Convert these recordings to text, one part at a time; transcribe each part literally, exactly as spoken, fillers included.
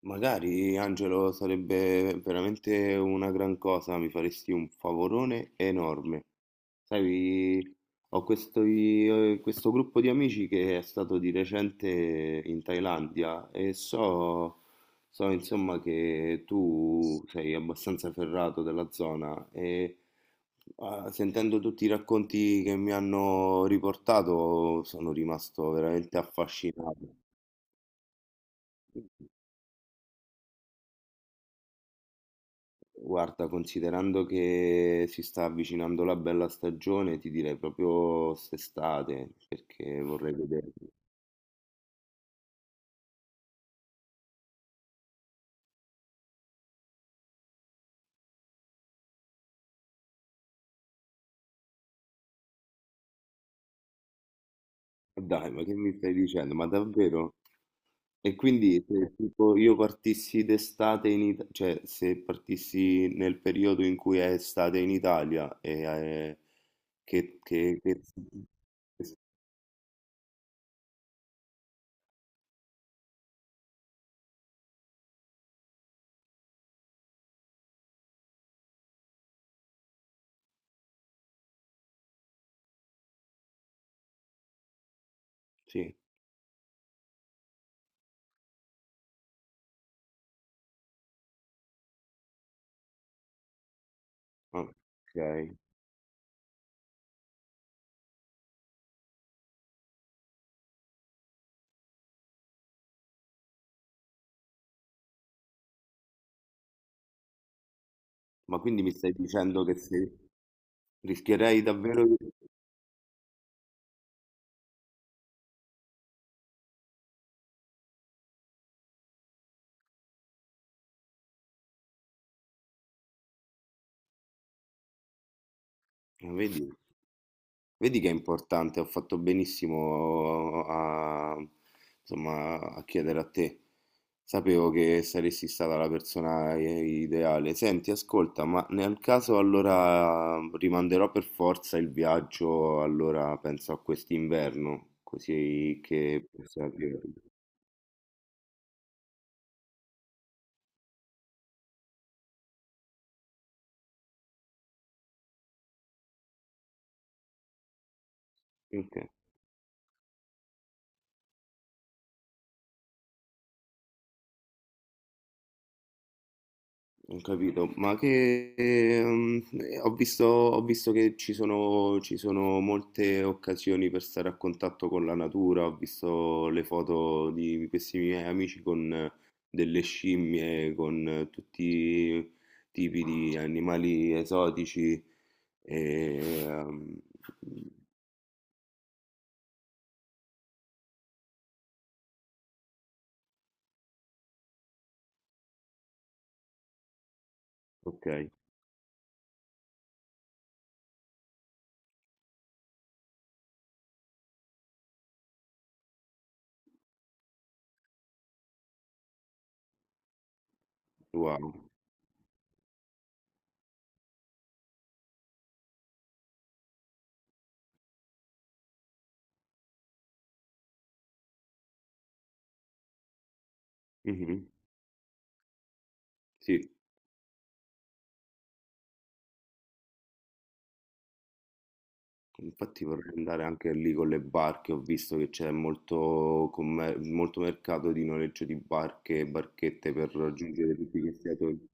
Magari, Angelo, sarebbe veramente una gran cosa, mi faresti un favorone enorme. Sai, ho questo, eh, questo gruppo di amici che è stato di recente in Thailandia e so, so, insomma che tu sei abbastanza ferrato della zona e ah, sentendo tutti i racconti che mi hanno riportato sono rimasto veramente affascinato. Guarda, considerando che si sta avvicinando la bella stagione, ti direi proprio quest'estate, perché vorrei vederli. Ma dai, ma che mi stai dicendo? Ma davvero? E quindi se tipo io partissi d'estate in Italia, cioè se partissi nel periodo in cui è estate in Italia, e, eh, che, che, che- Sì, ok. Ma quindi mi stai dicendo che se rischierei davvero... di- Ah, vedi? Vedi che è importante, ho fatto benissimo a, insomma, a chiedere a te. Sapevo che saresti stata la persona i- ideale. Senti, ascolta, ma nel caso allora mhmm, rimanderò per forza il viaggio, allora penso a quest'inverno, così che possa arrivare. Ok. Ho capito, ma che ehm, eh, ho visto, ho visto che ci sono, ci sono molte occasioni per stare a contatto con la natura, ho visto le foto di questi miei amici con eh, delle scimmie, con eh, tutti i tipi di animali esotici. E, ehm, ok, wow. Mhm, sì. Infatti vorrei andare anche lì con le barche, ho visto che c'è molto, commer- molto mercato di noleggio di barche e barchette per raggiungere tutti questi atolli.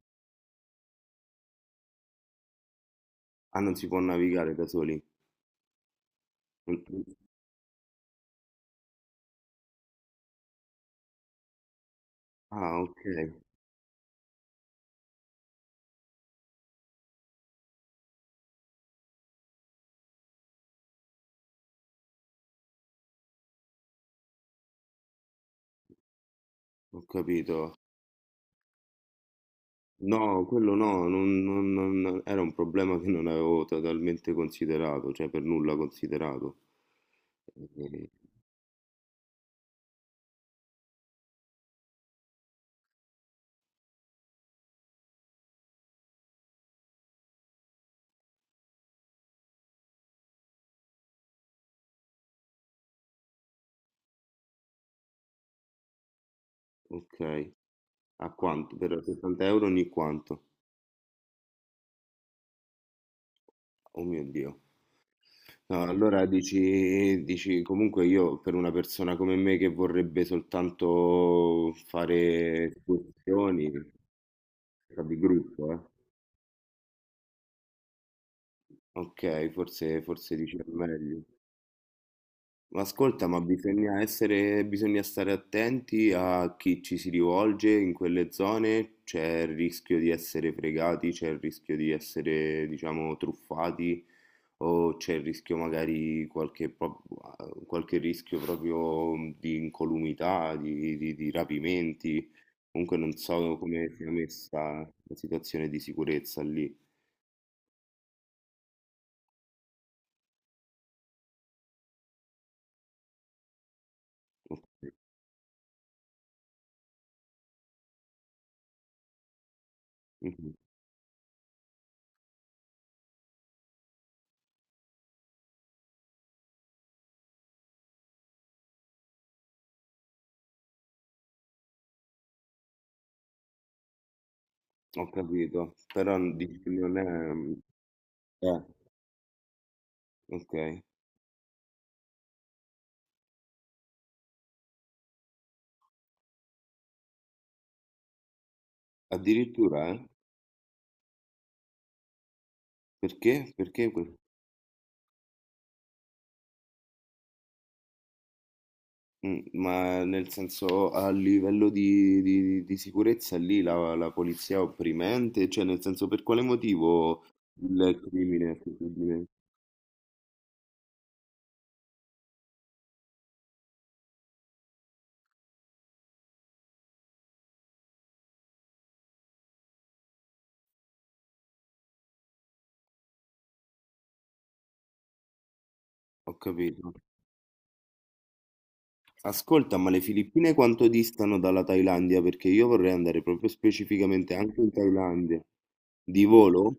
Ah, non si può navigare da soli? Ah, ok, ho capito. No, quello no, non- non- non- era un problema che non avevo totalmente considerato, cioè per nulla considerato. Eh, ok, a quanto? Per sessanta euro ogni quanto? Oh mio Dio. No, allora dici, dici comunque io per una persona come me che vorrebbe soltanto fare escursioni, di gruppo, eh? Ok, forse, forse dici è meglio. Ma ascolta, ma bisogna essere, bisogna stare attenti a chi ci si rivolge in quelle zone, c'è il rischio di essere fregati, c'è il rischio di essere, diciamo, truffati o c'è il rischio magari qualche, pro- qualche rischio proprio di incolumità, di, di- di rapimenti. Comunque non so come sia messa la situazione di sicurezza lì. Ok, mhm. Ho capito, però dici che non è... Eh, ok. Addirittura? Eh? Perché? Perché? que- Mm, ma nel senso a livello di, di- di sicurezza lì la, la polizia è opprimente, cioè nel senso per quale motivo il crimine è così- Ho capito. Ascolta, ma le Filippine quanto distano dalla Thailandia? Perché io vorrei andare proprio specificamente anche in Thailandia. Di volo?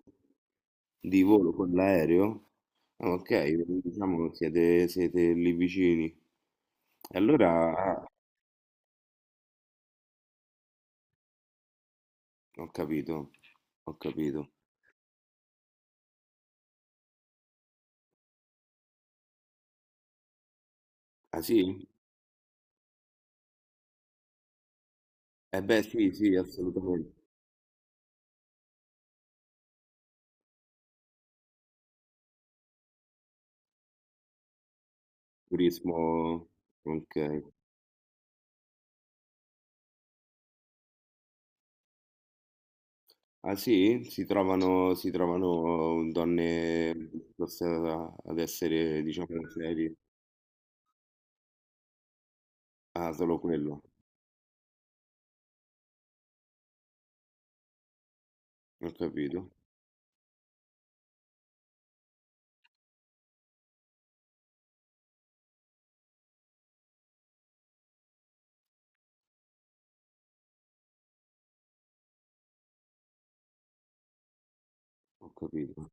Di volo con l'aereo? Ah, ok, diciamo che siete, siete lì vicini. E allora... Ho capito, ho capito. Ah sì? Eh beh sì, sì, assolutamente. Turismo, ok. Ah sì? Si trovano, si trovano donne disposte a- ad essere, diciamo, serie. Ah, solo quello. Ho capito, ho capito.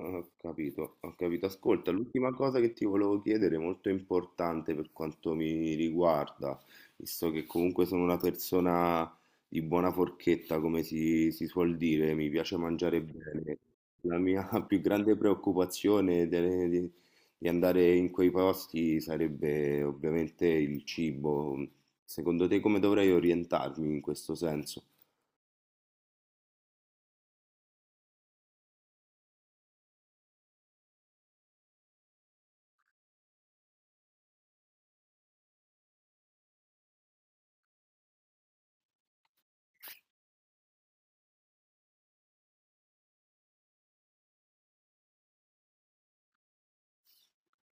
Ho capito, ho capito. Ascolta, l'ultima cosa che ti volevo chiedere, molto importante per quanto mi riguarda, visto che comunque sono una persona di buona forchetta, come si, si suol dire, mi piace mangiare bene. La mia più grande preoccupazione de- di, di andare in quei posti sarebbe ovviamente il cibo. Secondo te come dovrei orientarmi in questo senso?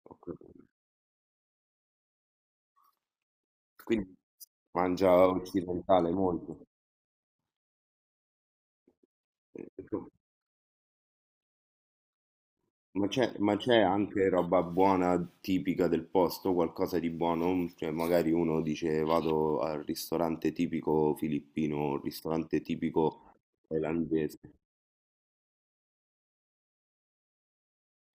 Ho capito. Quindi mangia occidentale molto. Eh, Ma c'è ma c'è anche roba buona, tipica del posto, qualcosa di buono? Cioè, magari uno dice vado al ristorante tipico filippino, ristorante tipico thailandese.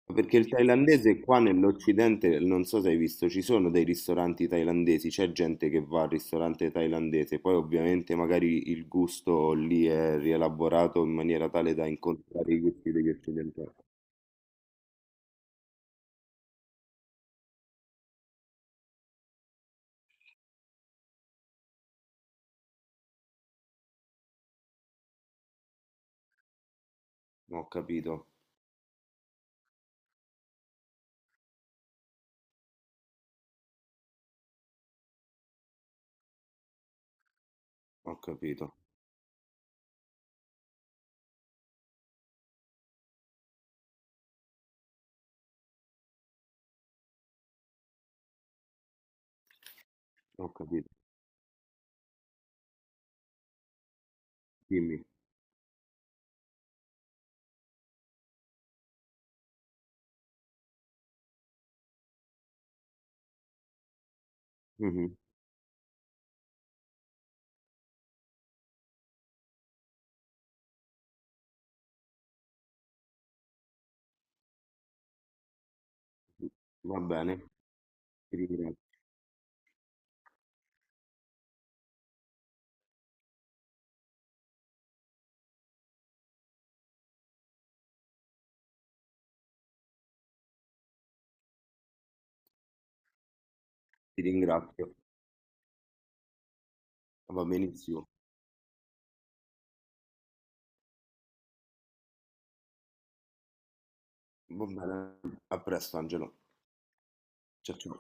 Ma perché il thailandese qua nell'Occidente, non so se hai visto, ci sono dei ristoranti thailandesi, c'è gente che va al ristorante thailandese, poi ovviamente magari il gusto lì è rielaborato in maniera tale da incontrare i gusti degli occidentali. Ho capito, ho capito, ho capito. Dimmi. Mhm. Va bene, ti ringrazio, ti ringrazio. Va benissimo. Va bene, a presto Angelo. Ciao ciao.